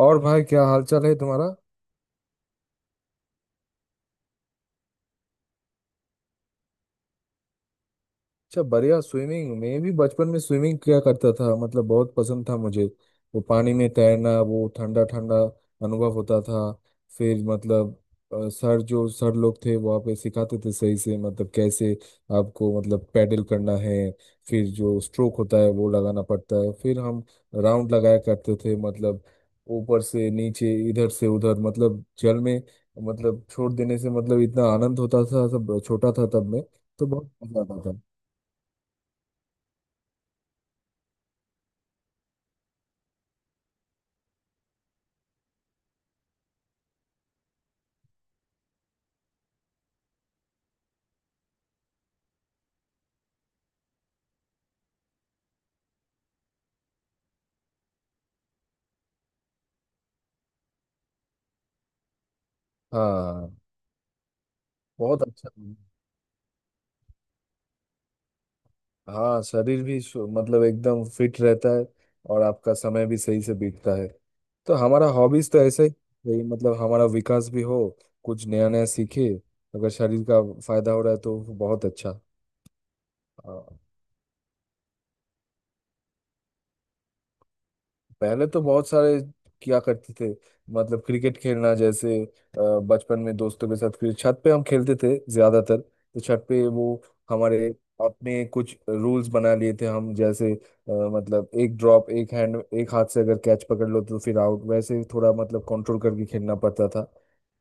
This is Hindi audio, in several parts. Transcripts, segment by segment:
और भाई क्या हाल चाल है तुम्हारा? अच्छा, बढ़िया। स्विमिंग मैं भी बचपन में स्विमिंग किया करता था, मतलब बहुत पसंद था मुझे। वो पानी में तैरना, वो ठंडा ठंडा अनुभव होता था। फिर मतलब सर जो सर लोग थे वहाँ पे सिखाते थे सही से, मतलब कैसे आपको मतलब पैडल करना है, फिर जो स्ट्रोक होता है वो लगाना पड़ता है। फिर हम राउंड लगाया करते थे, मतलब ऊपर से नीचे, इधर से उधर, मतलब जल में मतलब छोड़ देने से मतलब इतना आनंद होता था। सब छोटा था तब मैं, तो बहुत मजा आता था। हाँ। बहुत अच्छा। हाँ, शरीर भी मतलब एकदम फिट रहता है, और आपका समय भी सही से बीतता है। तो हमारा हॉबीज तो ऐसे ही मतलब हमारा विकास भी हो, कुछ नया नया सीखे। अगर शरीर का फायदा हो रहा है तो बहुत अच्छा। हाँ। पहले तो बहुत सारे किया करते थे, मतलब क्रिकेट खेलना जैसे, बचपन में दोस्तों के साथ फिर छत पे हम खेलते थे ज्यादातर। तो छत पे वो हमारे अपने कुछ रूल्स बना लिए थे हम, जैसे मतलब एक ड्रॉप, एक हैंड, एक हाथ से अगर कैच पकड़ लो तो फिर आउट। वैसे थोड़ा मतलब कंट्रोल करके खेलना पड़ता था,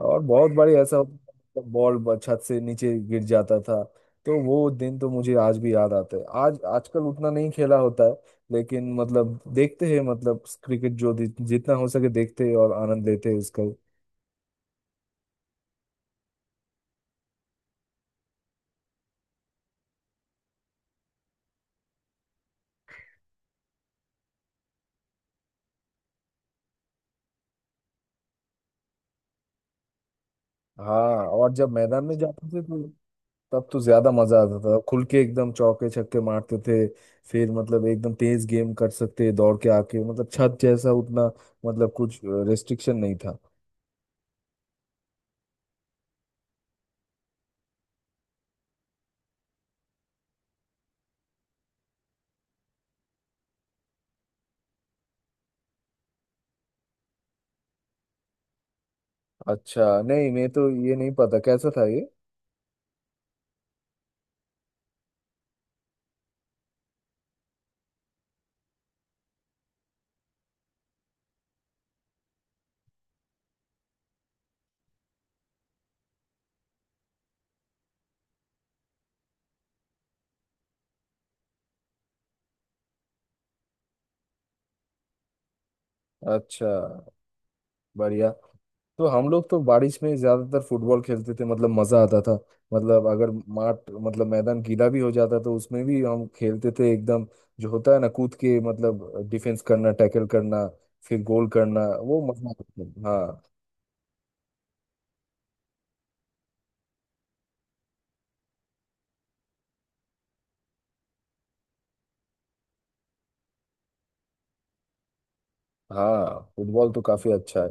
और बहुत बार ऐसा होता था, बॉल छत से नीचे गिर जाता था। तो वो दिन तो मुझे आज भी याद आता है। आज आजकल उतना नहीं खेला होता है, लेकिन मतलब देखते हैं, मतलब क्रिकेट जो जितना हो सके देखते हैं और आनंद लेते हैं उसका। हाँ, और जब मैदान में जाते थे तो तब तो ज्यादा मजा आता था, खुल के एकदम चौके छक्के मारते थे। फिर मतलब एकदम तेज गेम कर सकते, दौड़ के आके, मतलब छत जैसा उतना मतलब कुछ रेस्ट्रिक्शन नहीं था। अच्छा, नहीं मैं तो ये नहीं पता कैसा था ये। अच्छा, बढ़िया। तो हम लोग तो बारिश में ज्यादातर फुटबॉल खेलते थे, मतलब मजा आता था। मतलब अगर माठ मतलब मैदान गीला भी हो जाता तो उसमें भी हम खेलते थे एकदम। जो होता है ना, कूद के मतलब डिफेंस करना, टैकल करना, फिर गोल करना, वो मजा आता था। हाँ। हाँ, फुटबॉल तो काफी अच्छा है।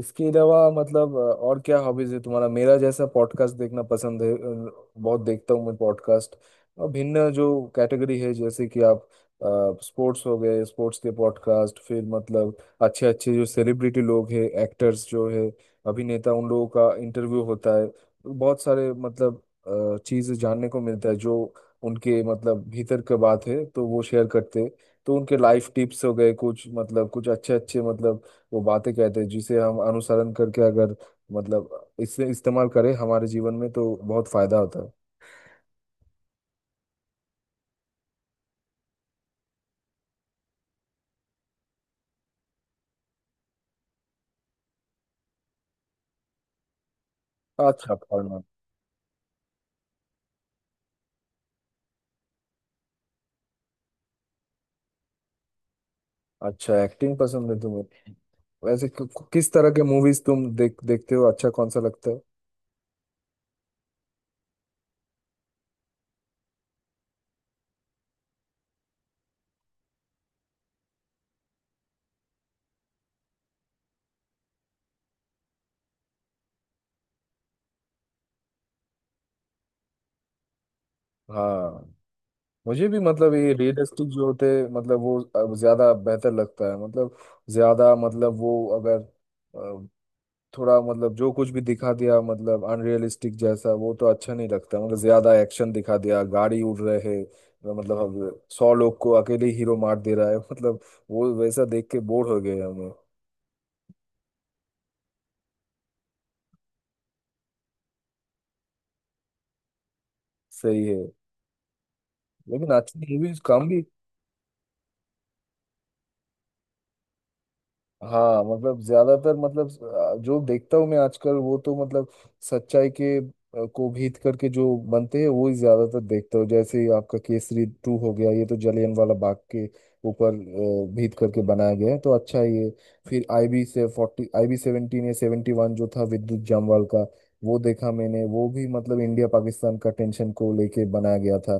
इसके अलावा मतलब और क्या हॉबीज है तुम्हारा? मेरा जैसा पॉडकास्ट देखना पसंद है। बहुत देखता हूँ मैं पॉडकास्ट, और भिन्न जो कैटेगरी है, जैसे कि आप स्पोर्ट्स हो गए, स्पोर्ट्स के पॉडकास्ट, फिर मतलब अच्छे अच्छे जो सेलिब्रिटी लोग हैं, एक्टर्स जो है अभिनेता, उन लोगों का इंटरव्यू होता है। बहुत सारे मतलब चीज़ें जानने को मिलता है, जो उनके मतलब भीतर का बात है तो वो शेयर करते हैं। तो उनके लाइफ टिप्स हो गए, कुछ मतलब कुछ अच्छे अच्छे मतलब वो बातें कहते हैं जिसे हम अनुसरण करके, अगर मतलब इसे इस्तेमाल करें हमारे जीवन में, तो बहुत फायदा होता है। अच्छा, पढ़ना। अच्छा, एक्टिंग पसंद है तुम्हें? वैसे किस तरह के मूवीज तुम देखते हो, अच्छा कौन सा लगता है? हाँ, मुझे भी मतलब ये रियलिस्टिक जो होते हैं, मतलब वो अब ज्यादा बेहतर लगता है। मतलब ज्यादा मतलब वो अगर थोड़ा मतलब जो कुछ भी दिखा दिया मतलब अनरियलिस्टिक जैसा, वो तो अच्छा नहीं लगता। मतलब ज्यादा एक्शन दिखा दिया, गाड़ी उड़ रहे है, मतलब अब 100 लोग को अकेले हीरो मार दे रहा है मतलब वो वैसा देख के बोर हो गए हमें। सही है। लेकिन अच्छी मूवीज कम भी। हाँ, मतलब ज्यादातर मतलब जो देखता हूँ मैं आजकल वो तो मतलब सच्चाई के को भीत करके जो बनते हैं वो ही ज्यादातर देखता हूँ। जैसे ये आपका केसरी टू हो गया, ये तो जलियन वाला बाग के ऊपर भीत करके बनाया गया है, तो अच्छा है ये। फिर IB से 40, IB 17 या 71 जो था विद्युत जामवाल का, वो देखा मैंने, वो भी मतलब इंडिया पाकिस्तान का टेंशन को लेके बनाया गया था।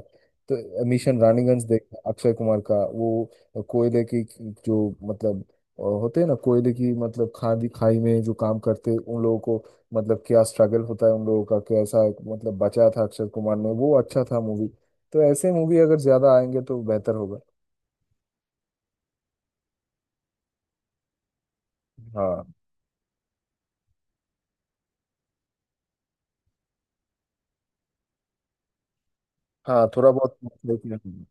तो मिशन रानीगंज देखा अक्षय कुमार का, वो कोयले की जो मतलब और होते हैं ना, कोयले की मतलब खादी खाई में जो काम करते हैं, उन लोगों को मतलब क्या स्ट्रगल होता है उन लोगों का, कैसा मतलब बचा था अक्षय कुमार ने, वो अच्छा था मूवी। तो ऐसे मूवी अगर ज्यादा आएंगे तो बेहतर होगा। हाँ। हाँ, थोड़ा बहुत मतलब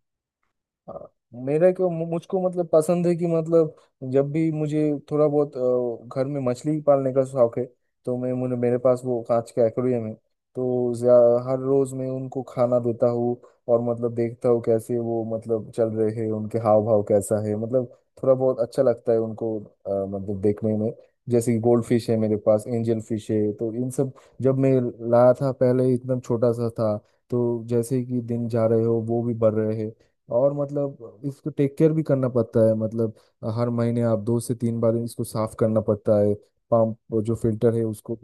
हाँ, मेरा क्यों मुझको मतलब पसंद है कि मतलब जब भी मुझे थोड़ा बहुत, घर में मछली पालने का शौक है। तो मैं मुझे मेरे पास वो कांच का एक्वेरियम है, तो हर रोज मैं उनको खाना देता हूँ, और मतलब देखता हूँ कैसे वो मतलब चल रहे हैं, उनके हाव भाव कैसा है मतलब। थोड़ा बहुत अच्छा लगता है उनको मतलब देखने में। जैसे कि गोल्ड फिश है मेरे पास, एंजल फिश है, तो इन सब जब मैं लाया था पहले, एकदम छोटा सा था। तो जैसे कि दिन जा रहे हो, वो भी बढ़ रहे हैं, और मतलब इसको टेक केयर भी करना पड़ता है। मतलब हर महीने आप 2 से 3 बार इसको साफ करना पड़ता है, पंप जो फिल्टर है उसको।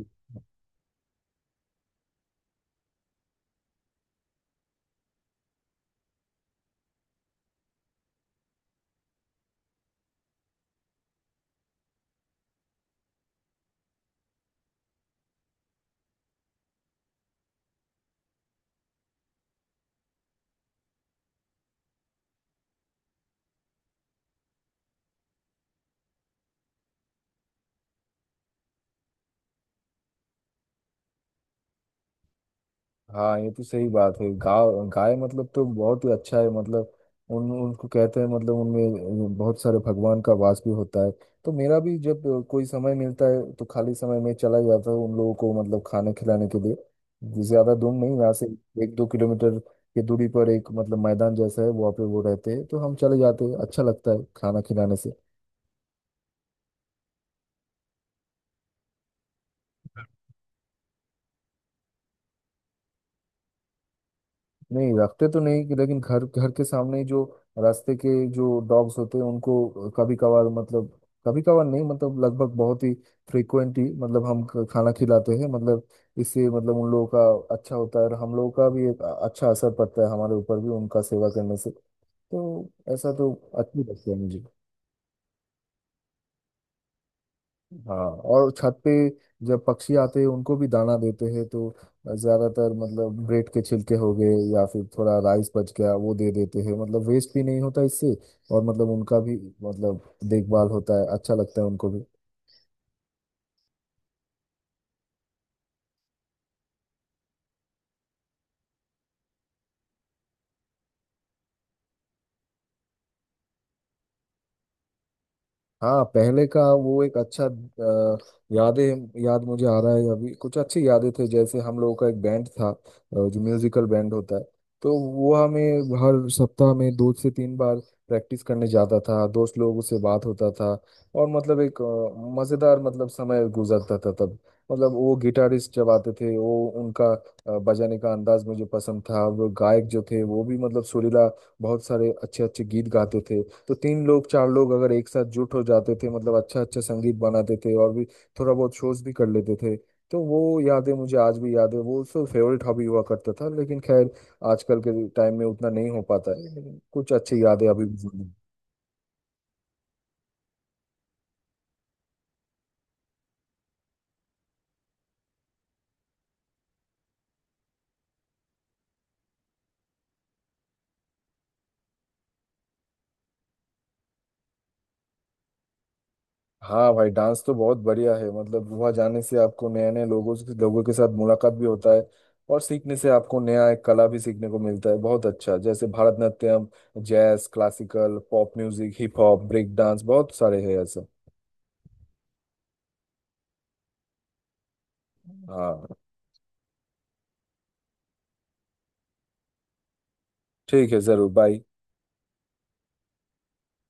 हाँ, ये तो सही बात है। गाय गाय मतलब तो बहुत ही अच्छा है, मतलब उन उनको कहते हैं मतलब उनमें बहुत सारे भगवान का वास भी होता है। तो मेरा भी जब कोई समय मिलता है तो खाली समय में चला जाता हूँ, उन लोगों को मतलब खाना खिलाने के लिए, ज्यादा दूर नहीं यहाँ से, 1-2 किलोमीटर की दूरी पर एक मतलब मैदान जैसा है, वहाँ पे वो रहते हैं, तो हम चले जाते हैं। अच्छा लगता है खाना खिलाने से। नहीं, रखते तो नहीं, लेकिन घर, घर के सामने ही जो रास्ते के जो डॉग्स होते हैं उनको कभी कभार मतलब, कभी कभार नहीं मतलब लगभग बहुत ही फ्रिक्वेंटली मतलब हम खाना खिलाते हैं। मतलब इससे मतलब उन लोगों का अच्छा होता है, और हम लोगों का भी एक अच्छा असर पड़ता है हमारे ऊपर भी उनका सेवा करने से। तो ऐसा तो अच्छी लगता है मुझे। हाँ, और छत पे जब पक्षी आते हैं उनको भी दाना देते हैं, तो ज्यादातर मतलब ब्रेड के छिलके हो गए या फिर थोड़ा राइस बच गया वो दे देते हैं, मतलब वेस्ट भी नहीं होता इससे, और मतलब उनका भी मतलब देखभाल होता है। अच्छा लगता है उनको भी। हाँ, पहले का वो एक अच्छा यादें, याद मुझे आ रहा है अभी कुछ अच्छी यादें थे। जैसे हम लोगों का एक बैंड था, जो म्यूजिकल बैंड होता है, तो वो हमें हर सप्ताह में 2 से 3 बार प्रैक्टिस करने जाता था, दोस्त लोगों से बात होता था, और मतलब एक मजेदार मतलब समय गुजरता था तब। मतलब वो गिटारिस्ट जब आते थे वो उनका बजाने का अंदाज मुझे पसंद था, वो गायक जो थे वो भी मतलब सुरीला बहुत सारे अच्छे अच्छे गीत गाते थे। तो तीन लोग, चार लोग अगर एक साथ जुट हो जाते थे, मतलब अच्छा अच्छा संगीत बनाते थे, और भी थोड़ा बहुत शोज भी कर लेते थे। तो वो यादें मुझे आज भी याद है, वो सब फेवरेट हॉबी हुआ करता था, लेकिन खैर, आजकल के टाइम में उतना नहीं हो पाता है, लेकिन कुछ अच्छी यादें अभी भी जुड़ी। हाँ भाई, डांस तो बहुत बढ़िया है, मतलब वहाँ जाने से आपको नए नए लोगों से, लोगों के साथ मुलाकात भी होता है, और सीखने से आपको नया एक कला भी सीखने को मिलता है। बहुत अच्छा, जैसे Bharatanatyam, jazz, classical, pop music, hip hop, break dance, बहुत सारे हैं ऐसे। अ, ठीक है, जरूर। बाय।